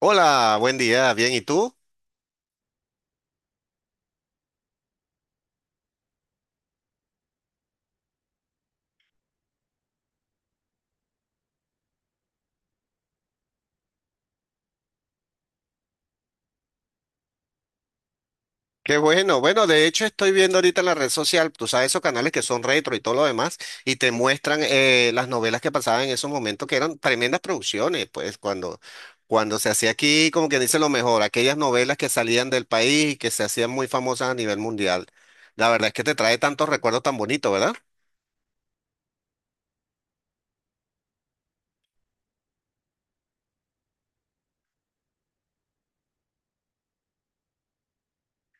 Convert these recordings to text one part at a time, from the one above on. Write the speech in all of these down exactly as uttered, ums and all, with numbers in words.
Hola, buen día, bien, ¿y tú? Qué bueno, bueno, de hecho estoy viendo ahorita en la red social, tú sabes, esos canales que son retro y todo lo demás, y te muestran eh, las novelas que pasaban en esos momentos, que eran tremendas producciones, pues cuando, cuando se hacía aquí, como que dice lo mejor, aquellas novelas que salían del país y que se hacían muy famosas a nivel mundial. La verdad es que te trae tantos recuerdos tan bonitos, ¿verdad?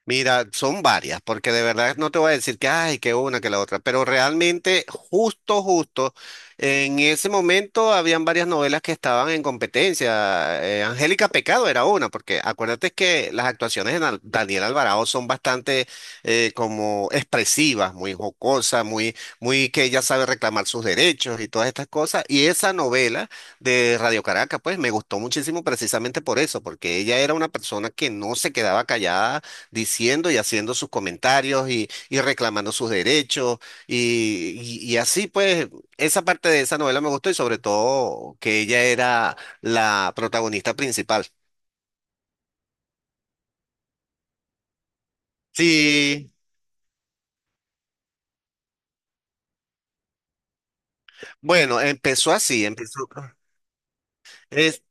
Mira, son varias, porque de verdad no te voy a decir que, ay, que una, que la otra, pero realmente justo, justo, en ese momento habían varias novelas que estaban en competencia. Eh, Angélica Pecado era una, porque acuérdate que las actuaciones de Al- Daniel Alvarado son bastante eh, como expresivas, muy jocosas, muy, muy que ella sabe reclamar sus derechos y todas estas cosas. Y esa novela de Radio Caracas, pues me gustó muchísimo precisamente por eso, porque ella era una persona que no se quedaba callada diciendo y haciendo sus comentarios y, y reclamando sus derechos y, y- y así pues esa parte de esa novela me gustó y sobre todo que ella era la protagonista principal. Sí, bueno, empezó así, empezó- es-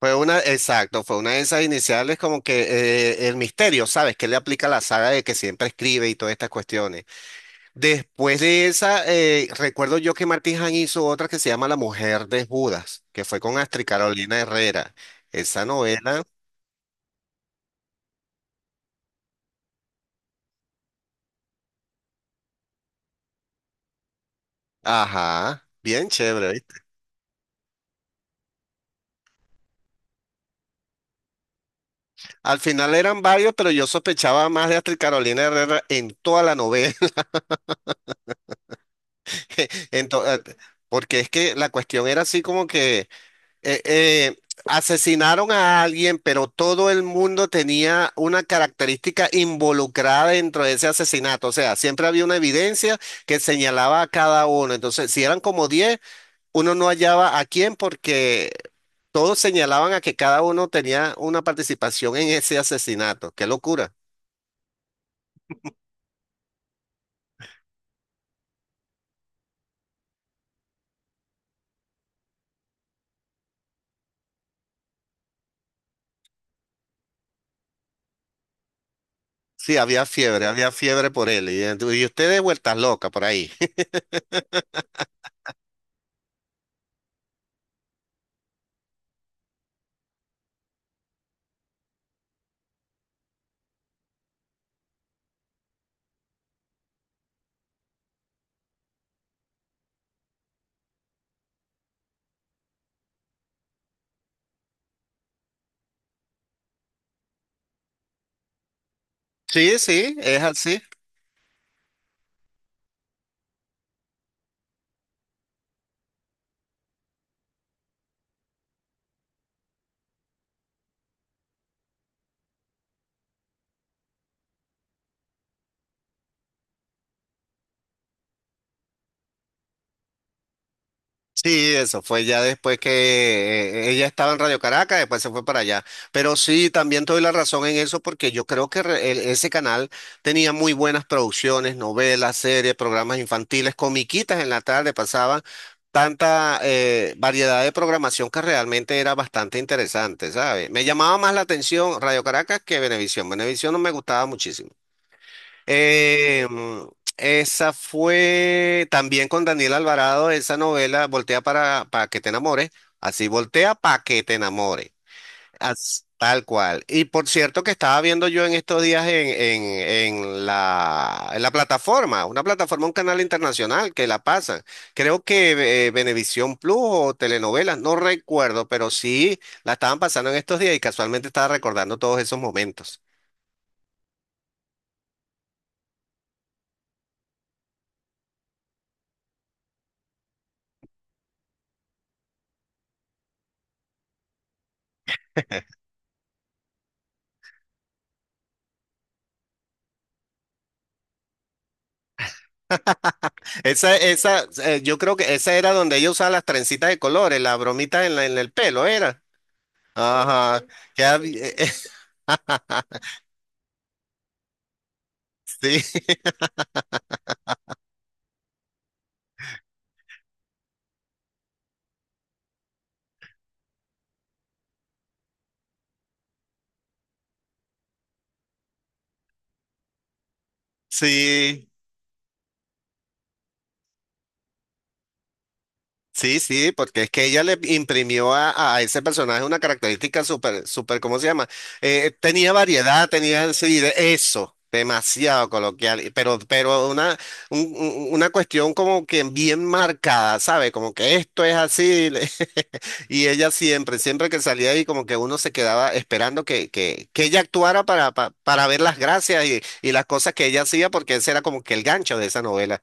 fue una, exacto, fue una de esas iniciales como que eh, el misterio, ¿sabes? Que le aplica la saga de que siempre escribe y todas estas cuestiones. Después de esa, eh, recuerdo yo que Martín hizo otra que se llama La Mujer de Judas, que fue con Astrid Carolina Herrera. Esa novela, ajá, bien chévere, ¿viste? Al final eran varios, pero yo sospechaba más de Astrid Carolina Herrera en toda la novela. Entonces, porque es que la cuestión era así como que eh, eh, asesinaron a alguien, pero todo el mundo tenía una característica involucrada dentro de ese asesinato. O sea, siempre había una evidencia que señalaba a cada uno. Entonces, si eran como diez, uno no hallaba a quién porque todos señalaban a que cada uno tenía una participación en ese asesinato. Qué locura. Sí, había fiebre, había fiebre por él. Y, y ustedes vueltas locas por ahí. Sí, sí, es así. Sí, eso fue ya después que eh, ella estaba en Radio Caracas, después se fue para allá. Pero sí, también te doy la razón en eso porque yo creo que re- el- ese canal tenía muy buenas producciones, novelas, series, programas infantiles, comiquitas en la tarde, pasaban tanta eh, variedad de programación que realmente era bastante interesante, ¿sabes? Me llamaba más la atención Radio Caracas que Venevisión. Venevisión no me gustaba muchísimo. Eh, mm, esa fue también con Daniel Alvarado, esa novela, Voltea para, para que te enamore. Así, Voltea para que te enamore. As- tal cual. Y por cierto que estaba viendo yo en estos días en, en, en la, en la plataforma, una plataforma, un canal internacional que la pasan. Creo que eh, Venevisión Plus o telenovelas, no recuerdo, pero sí la estaban pasando en estos días y casualmente estaba recordando todos esos momentos. Esa, esa, eh, yo creo que esa era donde ella usaba las trencitas de colores, las bromitas en, la- en el pelo, era. Ajá. que hab- sí, sí. Sí, sí, porque es que ella le imprimió a, a ese personaje una característica súper, súper, ¿cómo se llama? Eh, tenía variedad, tenía sí, de- eso, demasiado coloquial, y- pero, pero una, un- un- una cuestión como que bien marcada, ¿sabe? Como que esto es así, le- y ella siempre, siempre que salía ahí, como que uno se quedaba esperando que, que, que ella actuara para, pa- para, ver las gracias y, y las cosas que ella hacía, porque ese era como que el gancho de esa novela.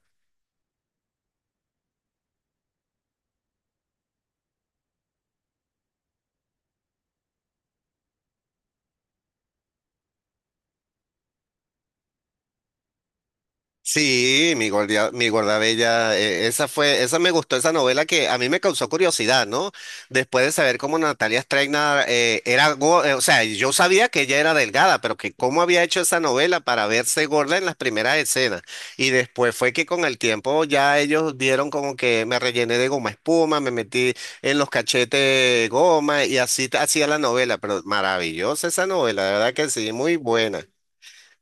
Sí, mi guardia, mi guardabella, eh, esa fue, esa me gustó, esa novela que a mí me causó curiosidad, ¿no? Después de saber cómo Natalia Streina eh, era, go- eh, o sea, yo sabía que ella era delgada, pero que cómo había hecho esa novela para verse gorda en las primeras escenas. Y después fue que con el tiempo ya ellos dieron como que me rellené de goma espuma, me metí en los cachetes goma y así t- hacía la novela, pero maravillosa esa novela, de verdad que sí, muy buena.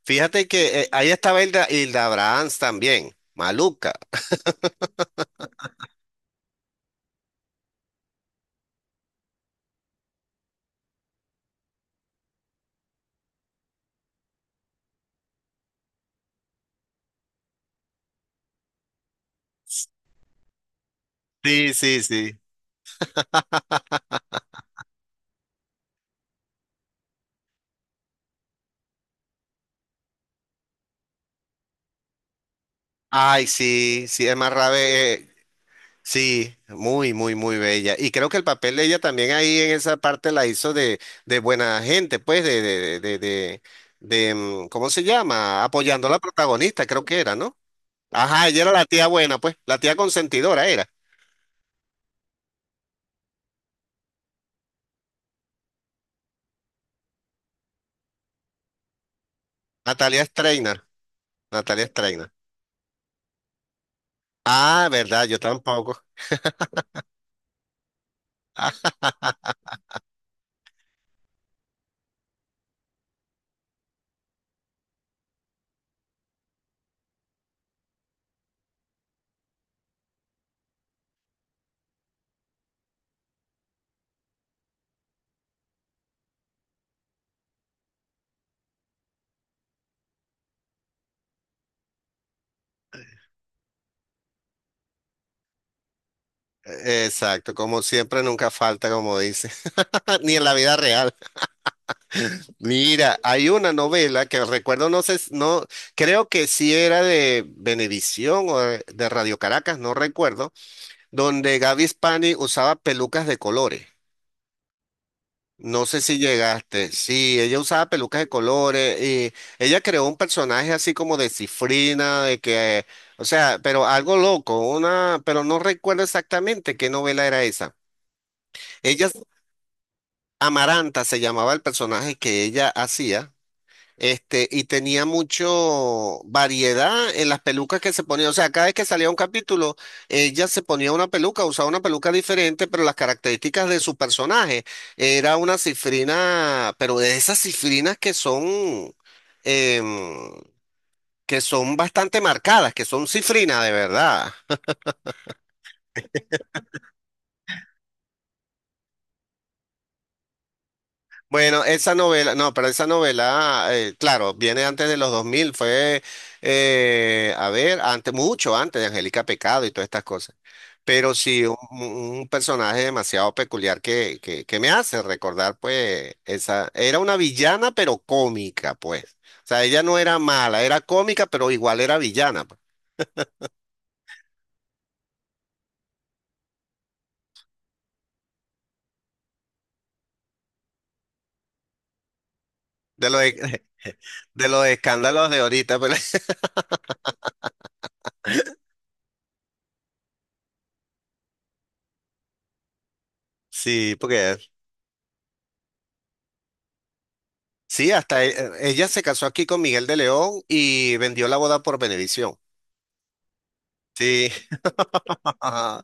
Fíjate que eh, ahí estaba Hilda, Hilda Brahms también, maluca. Sí, sí, sí. Ay, sí, sí, Emma Rabe, eh, sí, muy, muy, muy bella. Y creo que el papel de ella también ahí en esa parte la hizo de, de buena gente, pues, de, de, de, de, de, mm, ¿cómo se llama? Apoyando a la protagonista, creo que era, ¿no? Ajá, ella era la tía buena, pues, la tía consentidora era. Natalia Streiner, Natalia Streiner. Ah, verdad, yo tampoco. Exacto, como siempre, nunca falta, como dice, ni en la vida real. Mira, hay una novela que recuerdo, no sé, si- no, creo que sí era de Venevisión o de, de Radio Caracas, no recuerdo, donde Gaby Spani usaba pelucas de colores. No sé si llegaste. Sí, ella usaba pelucas de colores y ella creó un personaje así como de cifrina, de que, o sea, pero algo loco, una, pero no recuerdo exactamente qué novela era esa. Ella Amaranta se llamaba el personaje que ella hacía, este, y tenía mucho variedad en las pelucas que se ponía. O sea, cada vez que salía un capítulo, ella se ponía una peluca, usaba una peluca diferente, pero las características de su personaje era una cifrina, pero de esas cifrinas que son, em, que son bastante marcadas, que son cifrinas de verdad. Bueno, esa novela, no, pero esa novela, eh, claro, viene antes de los dos mil, fue, eh, a ver, antes, mucho antes de Angélica Pecado y todas estas cosas. Pero sí, un, un personaje demasiado peculiar que, que, que me hace recordar, pues, esa, era una villana, pero cómica, pues. O sea, ella no era mala, era cómica, pero igual era villana, pues. De los, e- de los escándalos de ahorita, pues. sí, porque Sí, hasta e- e- ella se casó aquí con Miguel de León y vendió la boda por Venevisión. Sí.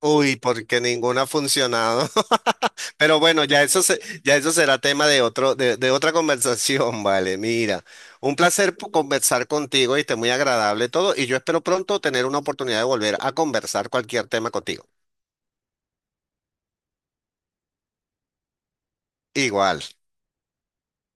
Uy, porque ninguna ha funcionado. Pero bueno, ya eso se- ya eso será tema de otro, de, de otra conversación, vale. Mira, un placer po- conversar contigo, y muy agradable todo, y yo espero pronto tener una oportunidad de volver a conversar cualquier tema contigo. Igual.